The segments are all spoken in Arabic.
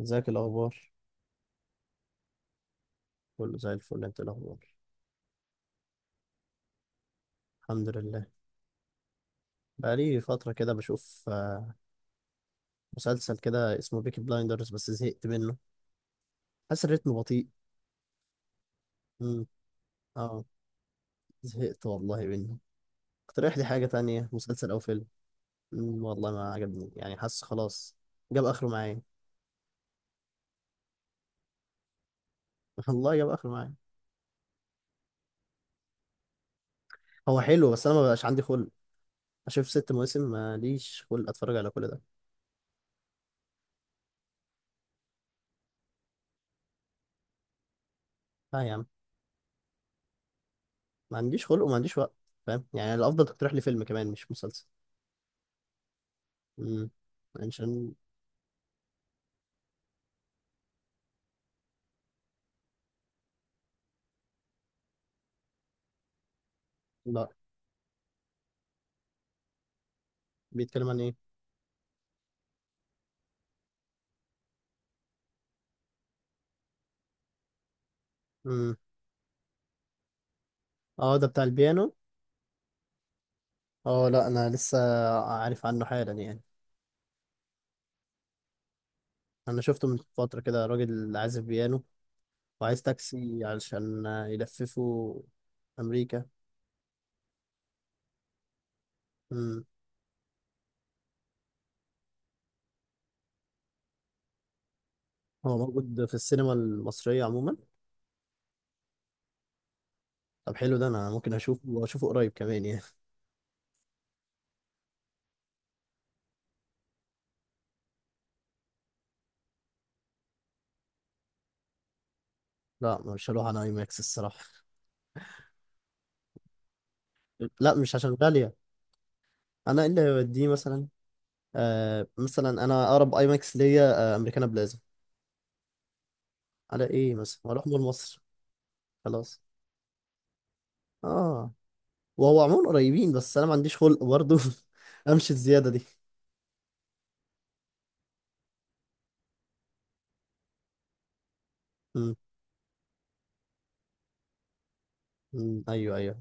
ازيك الاخبار؟ كله زي الفل، انت إيه الاخبار؟ الحمد لله. بقالي فتره كده بشوف مسلسل كده اسمه بيكي بلايندرز، بس زهقت منه، حاسس الريتم بطيء. امم. اه، زهقت والله منه. اقترح لي حاجه تانية، مسلسل او فيلم. والله ما عجبني، يعني حاسس خلاص جاب اخره معايا. والله جاب اخره معايا. هو حلو بس انا ما بقاش عندي خلق اشوف 6 مواسم، ماليش خلق اتفرج على كل ده. لا يا عم، ما عنديش خلق وما عنديش وقت، فاهم؟ يعني الافضل تقترح لي فيلم كمان مش مسلسل. امم. عشان. لا. بيتكلم عن ايه؟ امم اه ده بتاع البيانو؟ اه، لا، انا لسه عارف عنه حالا يعني. انا شفته من فترة كده، راجل عازف بيانو وعايز تاكسي علشان يلففه امريكا. امم. هو موجود في السينما المصرية عموما؟ طب حلو ده، انا ممكن اشوفه واشوفه قريب كمان يعني. لا مش هروح على اي ماكس الصراحة. لا، مش عشان غالية. انا إيه اللي هيوديه مثلا؟ مثلا انا اقرب اي ماكس ليا امريكانا بلازا، على ايه مثلا واروح مول مصر؟ خلاص. اه، وهو عموما قريبين، بس انا ما عنديش خلق برضه. امشي الزياده دي. مم. مم. ايوه، ايوه،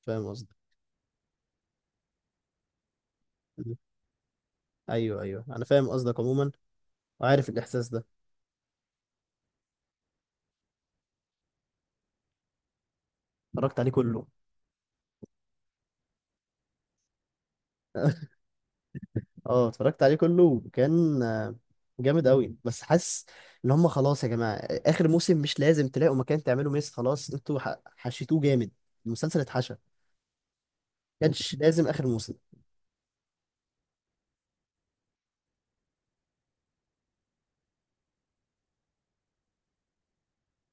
فاهم قصدك. مم. ايوه، ايوه، انا فاهم قصدك عموما، وعارف الاحساس ده. اتفرجت عليه كله. اه اتفرجت عليه كله، وكان جامد قوي، بس حاسس ان هم خلاص يا جماعه، اخر موسم مش لازم تلاقوا مكان تعملوا ميس، خلاص انتوا حشيتوه جامد، المسلسل اتحشى. كانش لازم اخر موسم.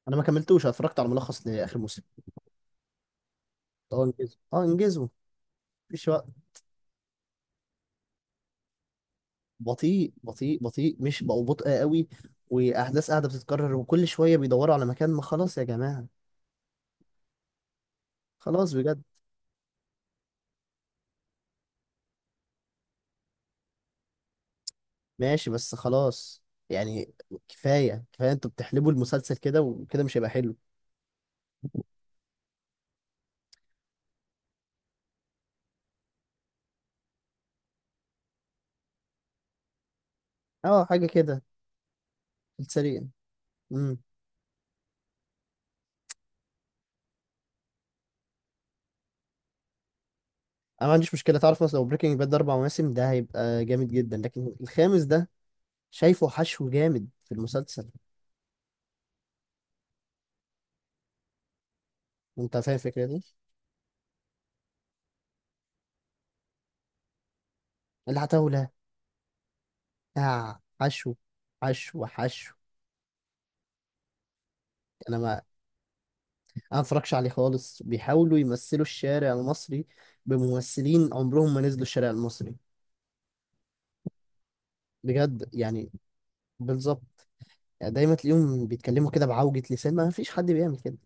انا ما كملتوش. أنا اتفرجت على ملخص لاخر موسم. اه انجزوا، انجزوا، مفيش وقت. بطيء بطيء بطيء، مش بقوا بطء قوي. واحداث قاعده بتتكرر وكل شويه بيدوروا على مكان، ما خلاص يا جماعه. خلاص بجد. ماشي بس خلاص يعني. كفايه كفايه، انتوا بتحلبوا المسلسل كده، وكده مش هيبقى حلو. اه حاجه كده، في السريع. امم. انا ما عنديش مشكله، تعرف مثلا لو بريكنج باد 4 مواسم ده هيبقى جامد جدا، لكن الخامس ده شايفه حشو جامد في المسلسل. انت فاهم الفكره دي؟ اللي هتقوله. حشو حشو حشو. انا ما انا متفرجش عليه خالص، بيحاولوا يمثلوا الشارع المصري بممثلين عمرهم ما نزلوا الشارع المصري. بجد يعني. بالظبط. يعني دايما تلاقيهم بيتكلموا كده بعوجة لسان، ما فيش حد بيعمل كده،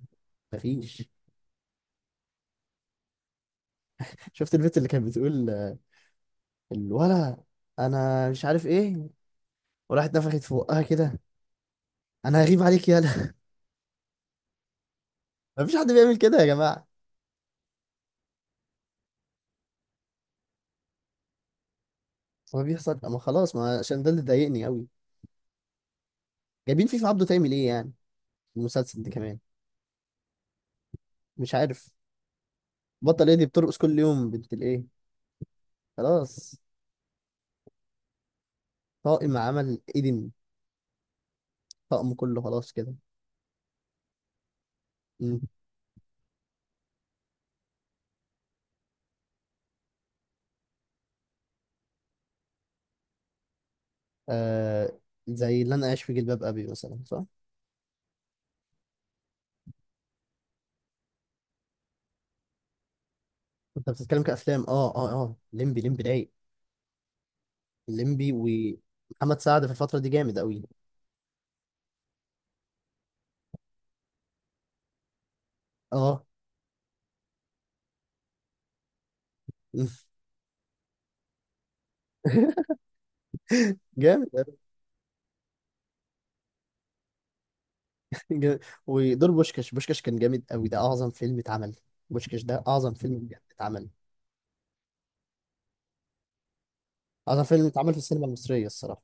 ما فيش. شفت البنت اللي كانت بتقول الولا، انا مش عارف ايه، وراحت نفخت في بقها كده؟ انا هغيب عليك، يالا ما فيش حد بيعمل كده يا جماعة. ما بيحصل، ما خلاص، ما عشان ده اللي ضايقني قوي. جايبين فيفا عبده تعمل ايه يعني، المسلسل ده كمان. مش عارف. بطل ايه؟ دي بترقص كل يوم بنت الايه. خلاص. طاقم عمل إيدن، طقم كله خلاص كده. مم. آه، زي اللي أنا عايش في جلباب أبي مثلا، صح؟ أنت بتتكلم كأفلام؟ أه أه أه ليمبي رايق. ليمبي ومحمد سعد في الفترة دي جامد أوي. أه جامد أوي. جامد. ودور بوشكاش كان جامد أوي، ده أعظم فيلم اتعمل. بوشكاش ده أعظم فيلم بجد اتعمل، أعظم فيلم اتعمل في السينما المصرية الصراحة.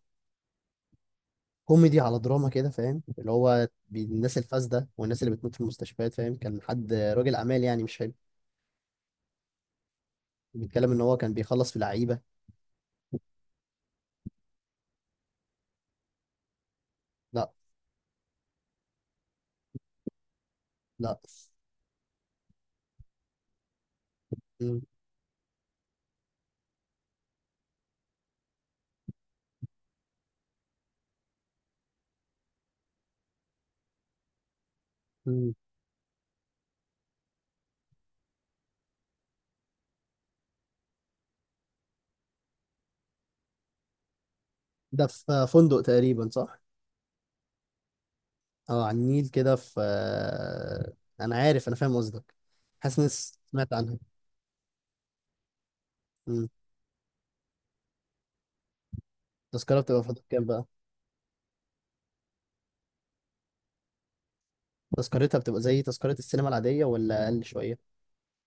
كوميدي على دراما كده، فاهم؟ اللي هو الناس الفاسدة، والناس اللي بتموت في المستشفيات، فاهم؟ كان حد راجل أعمال يعني، مش بيتكلم ان هو كان بيخلص في لعيبه. لا، لا. مم. مم. ده في فندق تقريبا، صح؟ اه، على النيل كده، في انا عارف، انا فاهم قصدك. حاسس اني سمعت عنها. مم. التذكره بتبقى في حدود كام بقى؟ تذكرتها بتبقى زي تذكره السينما العاديه، ولا اقل شويه،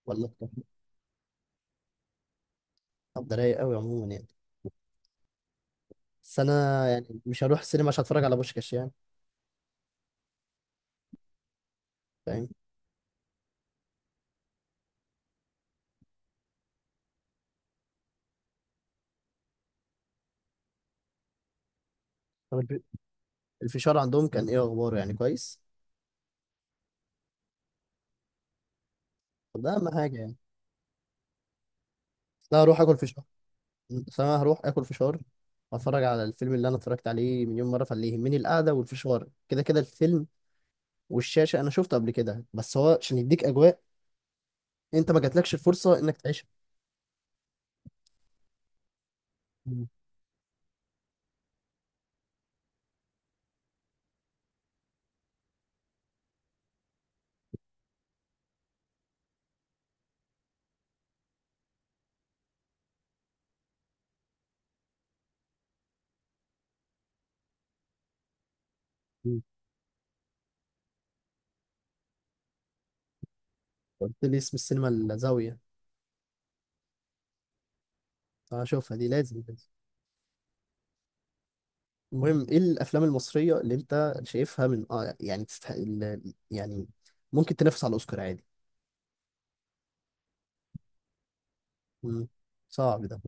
ولا اكتر؟ طب ده رايق قوي عموما يعني. بس انا يعني مش هروح السينما عشان اتفرج على بوشكاش يعني، فاهم؟ طب الفشار عندهم كان ايه اخباره يعني، كويس؟ طب ده اهم حاجه يعني. لا، اروح اكل فشار. فانا هروح اكل فشار واتفرج على الفيلم اللي انا اتفرجت عليه مليون مره. فاللي يهمني القعده والفشار، كده كده الفيلم والشاشه انا شفته قبل كده. بس هو عشان يديك اجواء، انت ما جاتلكش الفرصه انك تعيشها. مم. مم. قلت لي اسم السينما الزاويه؟ هشوفها دي، لازم لازم. المهم، ايه الافلام المصريه اللي انت شايفها من يعني تستحق يعني ممكن تنافس على الاوسكار عادي؟ مم. صعب ده.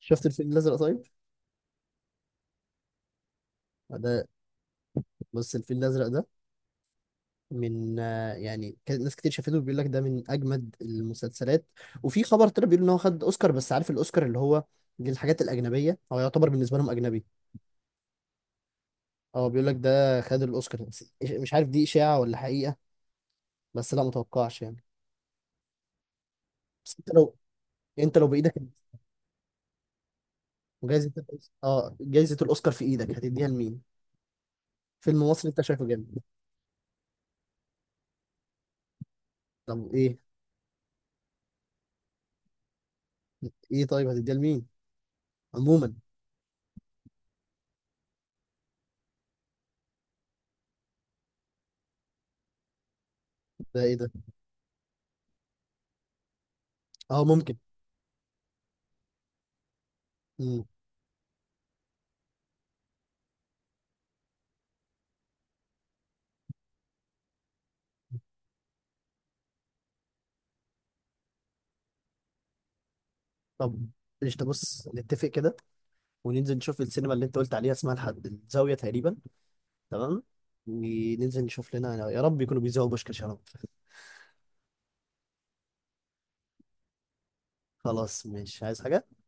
شفت الفيل الازرق، طيب؟ ده بص، الفيل الازرق ده من يعني كان ناس كتير شافته بيقول لك ده من اجمد المسلسلات. وفي خبر طلع بيقول ان هو خد اوسكار، بس عارف الاوسكار اللي هو للحاجات الاجنبيه، هو يعتبر بالنسبه لهم اجنبي. اه، بيقول لك ده خد الاوسكار، بس مش عارف دي اشاعه ولا حقيقه. بس لا متوقعش يعني. بس انت لو بايدك، جايزه الأوس- اه جايزه الاوسكار في ايدك هتديها لمين؟ فيلم مصري انت شايفه جامد؟ طب ايه؟ ايه طيب هتديها لمين عموما؟ ده ايه ده؟ اه ممكن. مم. طب ايش ده، بص نتفق كده، وننزل نشوف السينما اللي انت قلت عليها اسمها الحد الزاوية تقريبا. تمام. وننزل نشوف لنا يا رب يكونوا بيذيعوا بوشكاش يا رب. خلاص مش عايز حاجة.